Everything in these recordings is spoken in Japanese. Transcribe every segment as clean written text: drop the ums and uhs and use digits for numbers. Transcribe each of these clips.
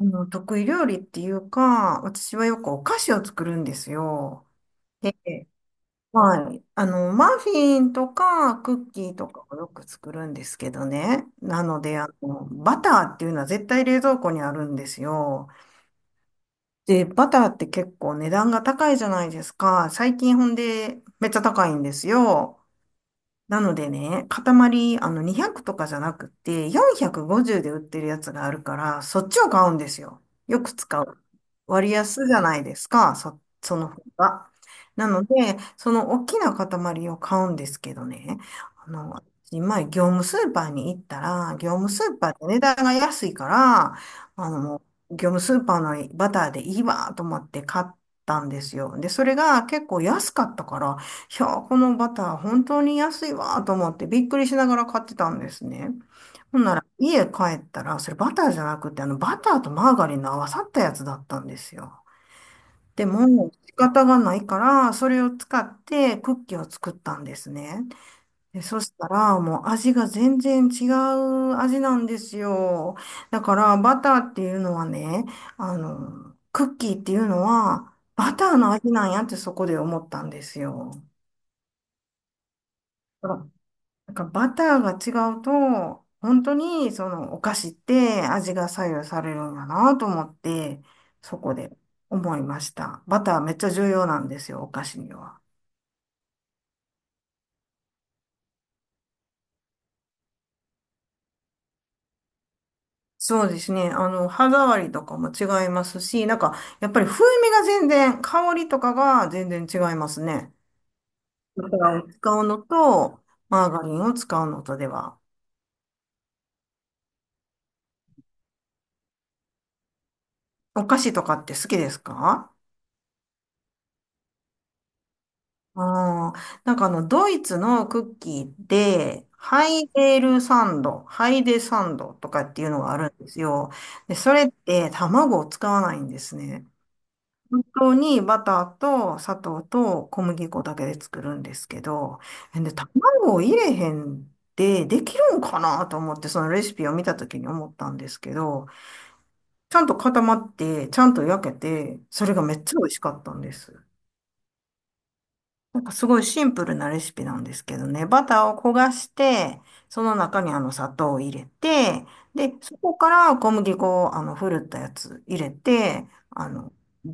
得意料理っていうか、私はよくお菓子を作るんですよ。で、はい。マフィンとかクッキーとかをよく作るんですけどね。なので、バターっていうのは絶対冷蔵庫にあるんですよ。で、バターって結構値段が高いじゃないですか。最近ほんでめっちゃ高いんですよ。なのでね、塊、200とかじゃなくて、450で売ってるやつがあるから、そっちを買うんですよ。よく使う。割安じゃないですか、その方が。なので、その大きな塊を買うんですけどね、あの、前、業務スーパーに行ったら、業務スーパーって値段が安いから、あの、業務スーパーのバターでいいわと思って買ったんですよ。で、それが結構安かったから、いやー、このバター本当に安いわーと思ってびっくりしながら買ってたんですね。ほんなら家帰ったら、それバターじゃなくて、あのバターとマーガリンの合わさったやつだったんですよ。でも、仕方がないから、それを使ってクッキーを作ったんですね。で、そしたら、もう味が全然違う味なんですよ。だから、バターっていうのはね、クッキーっていうのは、バターの味なんやってそこで思ったんですよ。なんかバターが違うと、本当にそのお菓子って味が左右されるんだなと思って、そこで思いました。バターめっちゃ重要なんですよ、お菓子には。そうですね。歯触りとかも違いますし、なんか、やっぱり風味が全然、香りとかが全然違いますね。バターを使うのと、マーガリンを使うのとでは。お菓子とかって好きですか？ああ、なんかドイツのクッキーで、ハイデルサンド、ハイデサンドとかっていうのがあるんですよ。で、それって卵を使わないんですね。本当にバターと砂糖と小麦粉だけで作るんですけど、で、卵を入れへんでできるんかなと思って、そのレシピを見た時に思ったんですけど、ちゃんと固まって、ちゃんと焼けて、それがめっちゃ美味しかったんです。なんかすごいシンプルなレシピなんですけどね、バターを焦がして、その中に砂糖を入れて、で、そこから小麦粉をふるったやつ入れて、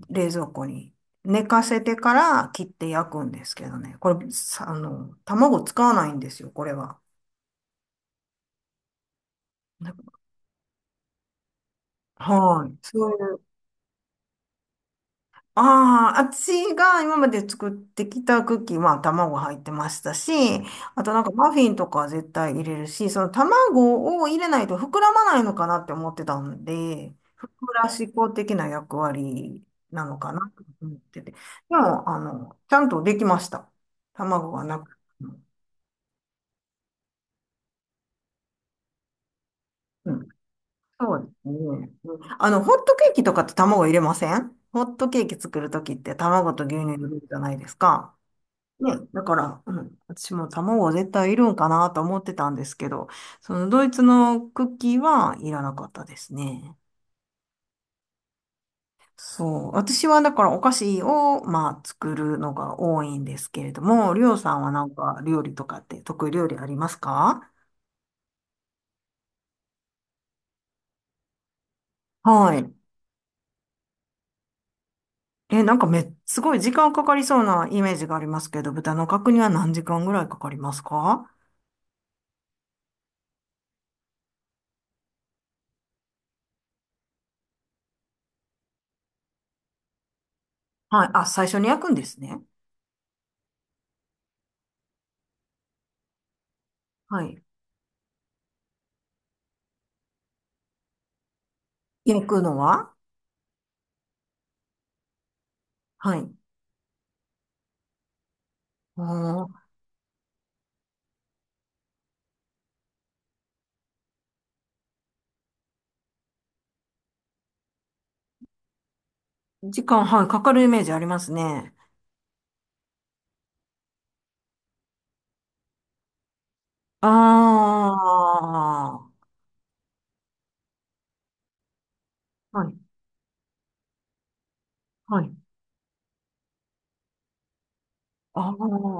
冷蔵庫に寝かせてから切って焼くんですけどね、これ、さあの、卵使わないんですよ、これは。はい。そういうああ、私が今まで作ってきたクッキーは卵入ってましたし、あとなんかマフィンとかは絶対入れるし、その卵を入れないと膨らまないのかなって思ってたんで、膨らし向的な役割なのかなと思ってて。でも、ちゃんとできました。卵がなくても。うん、そうですね。うんホットケーキとかって卵入れません？ホットケーキ作るときって卵と牛乳入れるじゃないですか。ね、だから、うん、私も卵は絶対いるんかなと思ってたんですけど、そのドイツのクッキーはいらなかったですね。そう。私はだからお菓子を、まあ、作るのが多いんですけれども、りょうさんはなんか料理とかって得意料理ありますか？はい。え、なんかすごい時間かかりそうなイメージがありますけど、豚の角煮は何時間ぐらいかかりますか？はい。あ、最初に焼くんですね。はい。焼くのははい。うーん、時間、はい、かかるイメージありますね。ああ、はい、はい。あ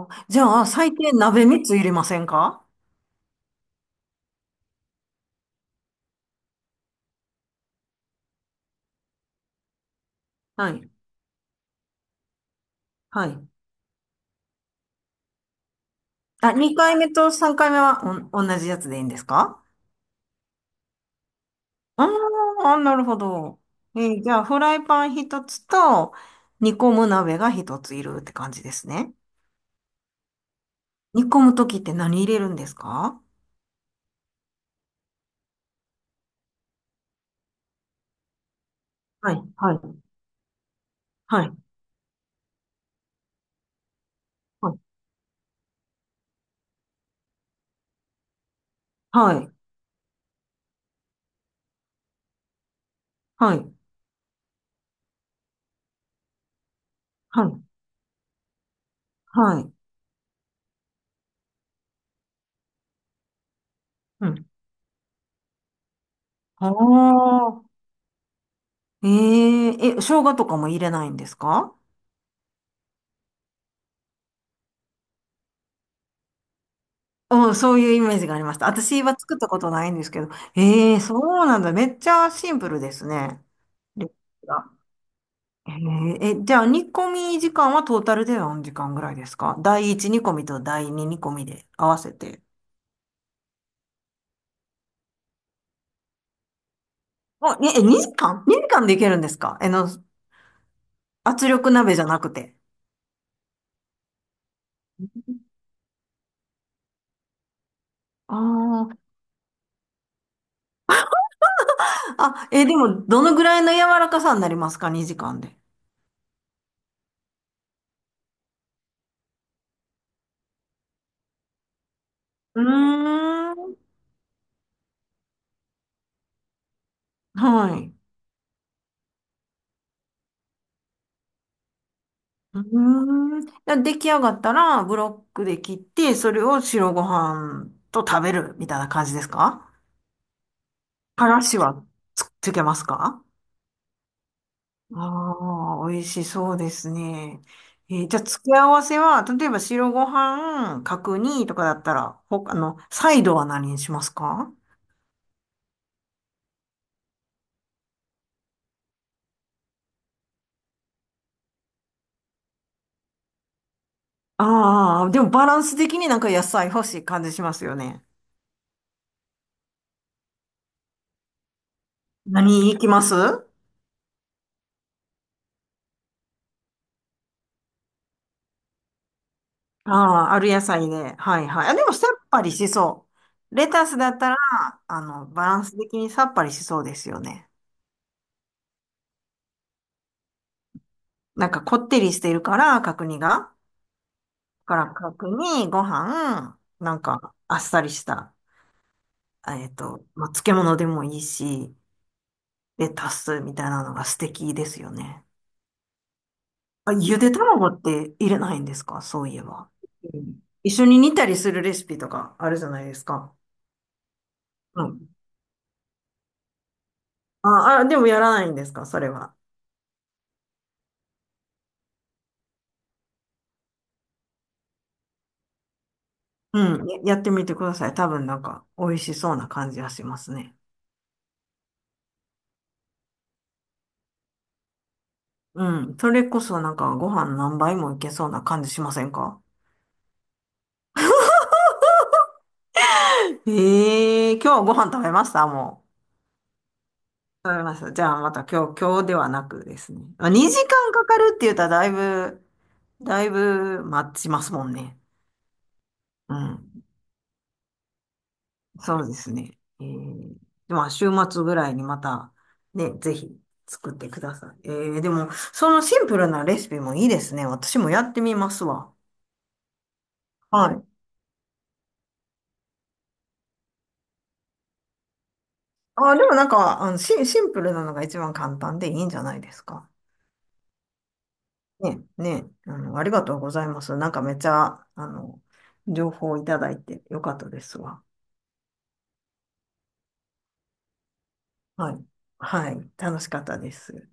あ、じゃあ、最低鍋3つ入れませんか？はい、はい。あ、2回目と3回目は同じやつでいいんですか？ああ、なるほど。じゃあ、フライパン1つと、煮込む鍋が1ついるって感じですね。煮込むときって何入れるんですか？はい、はい、はい、はい、はい、はい、はい、はい。うん。ああ、えええ、生姜とかも入れないんですか？うん、そういうイメージがありました。私は作ったことないんですけど。ええそうなんだ。めっちゃシンプルですね。レシピがえええ、じゃあ、煮込み時間はトータルで何時間ぐらいですか？第1煮込みと第2煮込みで合わせて。あ、え、2時間？ 2 時間でいけるんですか？圧力鍋じゃなくて。あーあ、え、でも、どのぐらいの柔らかさになりますか？ 2 時間で。うーん。はい。うーん。出来上がったら、ブロックで切って、それを白ご飯と食べるみたいな感じですか？からしはつけますか？ああ美味しそうですね。じゃあ、付け合わせは、例えば白ご飯、角煮とかだったら、ほ、あの、サイドは何にしますか？ああー、でもバランス的になんか野菜欲しい感じしますよね。何いきます？ああ、ある野菜で。はいはい。あ、でもさっぱりしそう。レタスだったら、バランス的にさっぱりしそうですよね。なんかこってりしてるから、角煮が。だから角煮、ご飯、なんかあっさりした、まあ、漬物でもいいし、レタスみたいなのが素敵ですよね。あ、ゆで卵って入れないんですか？そういえば。うん、一緒に煮たりするレシピとかあるじゃないですか。うん。ああ、でもやらないんですか？それは。うん、やってみてください。多分なんか美味しそうな感じがしますね。うん、それこそなんかご飯何杯もいけそうな感じしませんか？ええー、今日ご飯食べました？もう。食べました。じゃあまた今日、今日ではなくですね。まあ、2時間かかるって言ったらだいぶ、だいぶ待ちますもんね。うん。そうですね。えー、まあ週末ぐらいにまたね、ぜひ作ってください。でも、そのシンプルなレシピもいいですね。私もやってみますわ。はい。あ、でもなんか、シンプルなのが一番簡単でいいんじゃないですか？ね、ね、ありがとうございます。なんかめっちゃ、情報をいただいてよかったですわ。はい。はい。楽しかったです。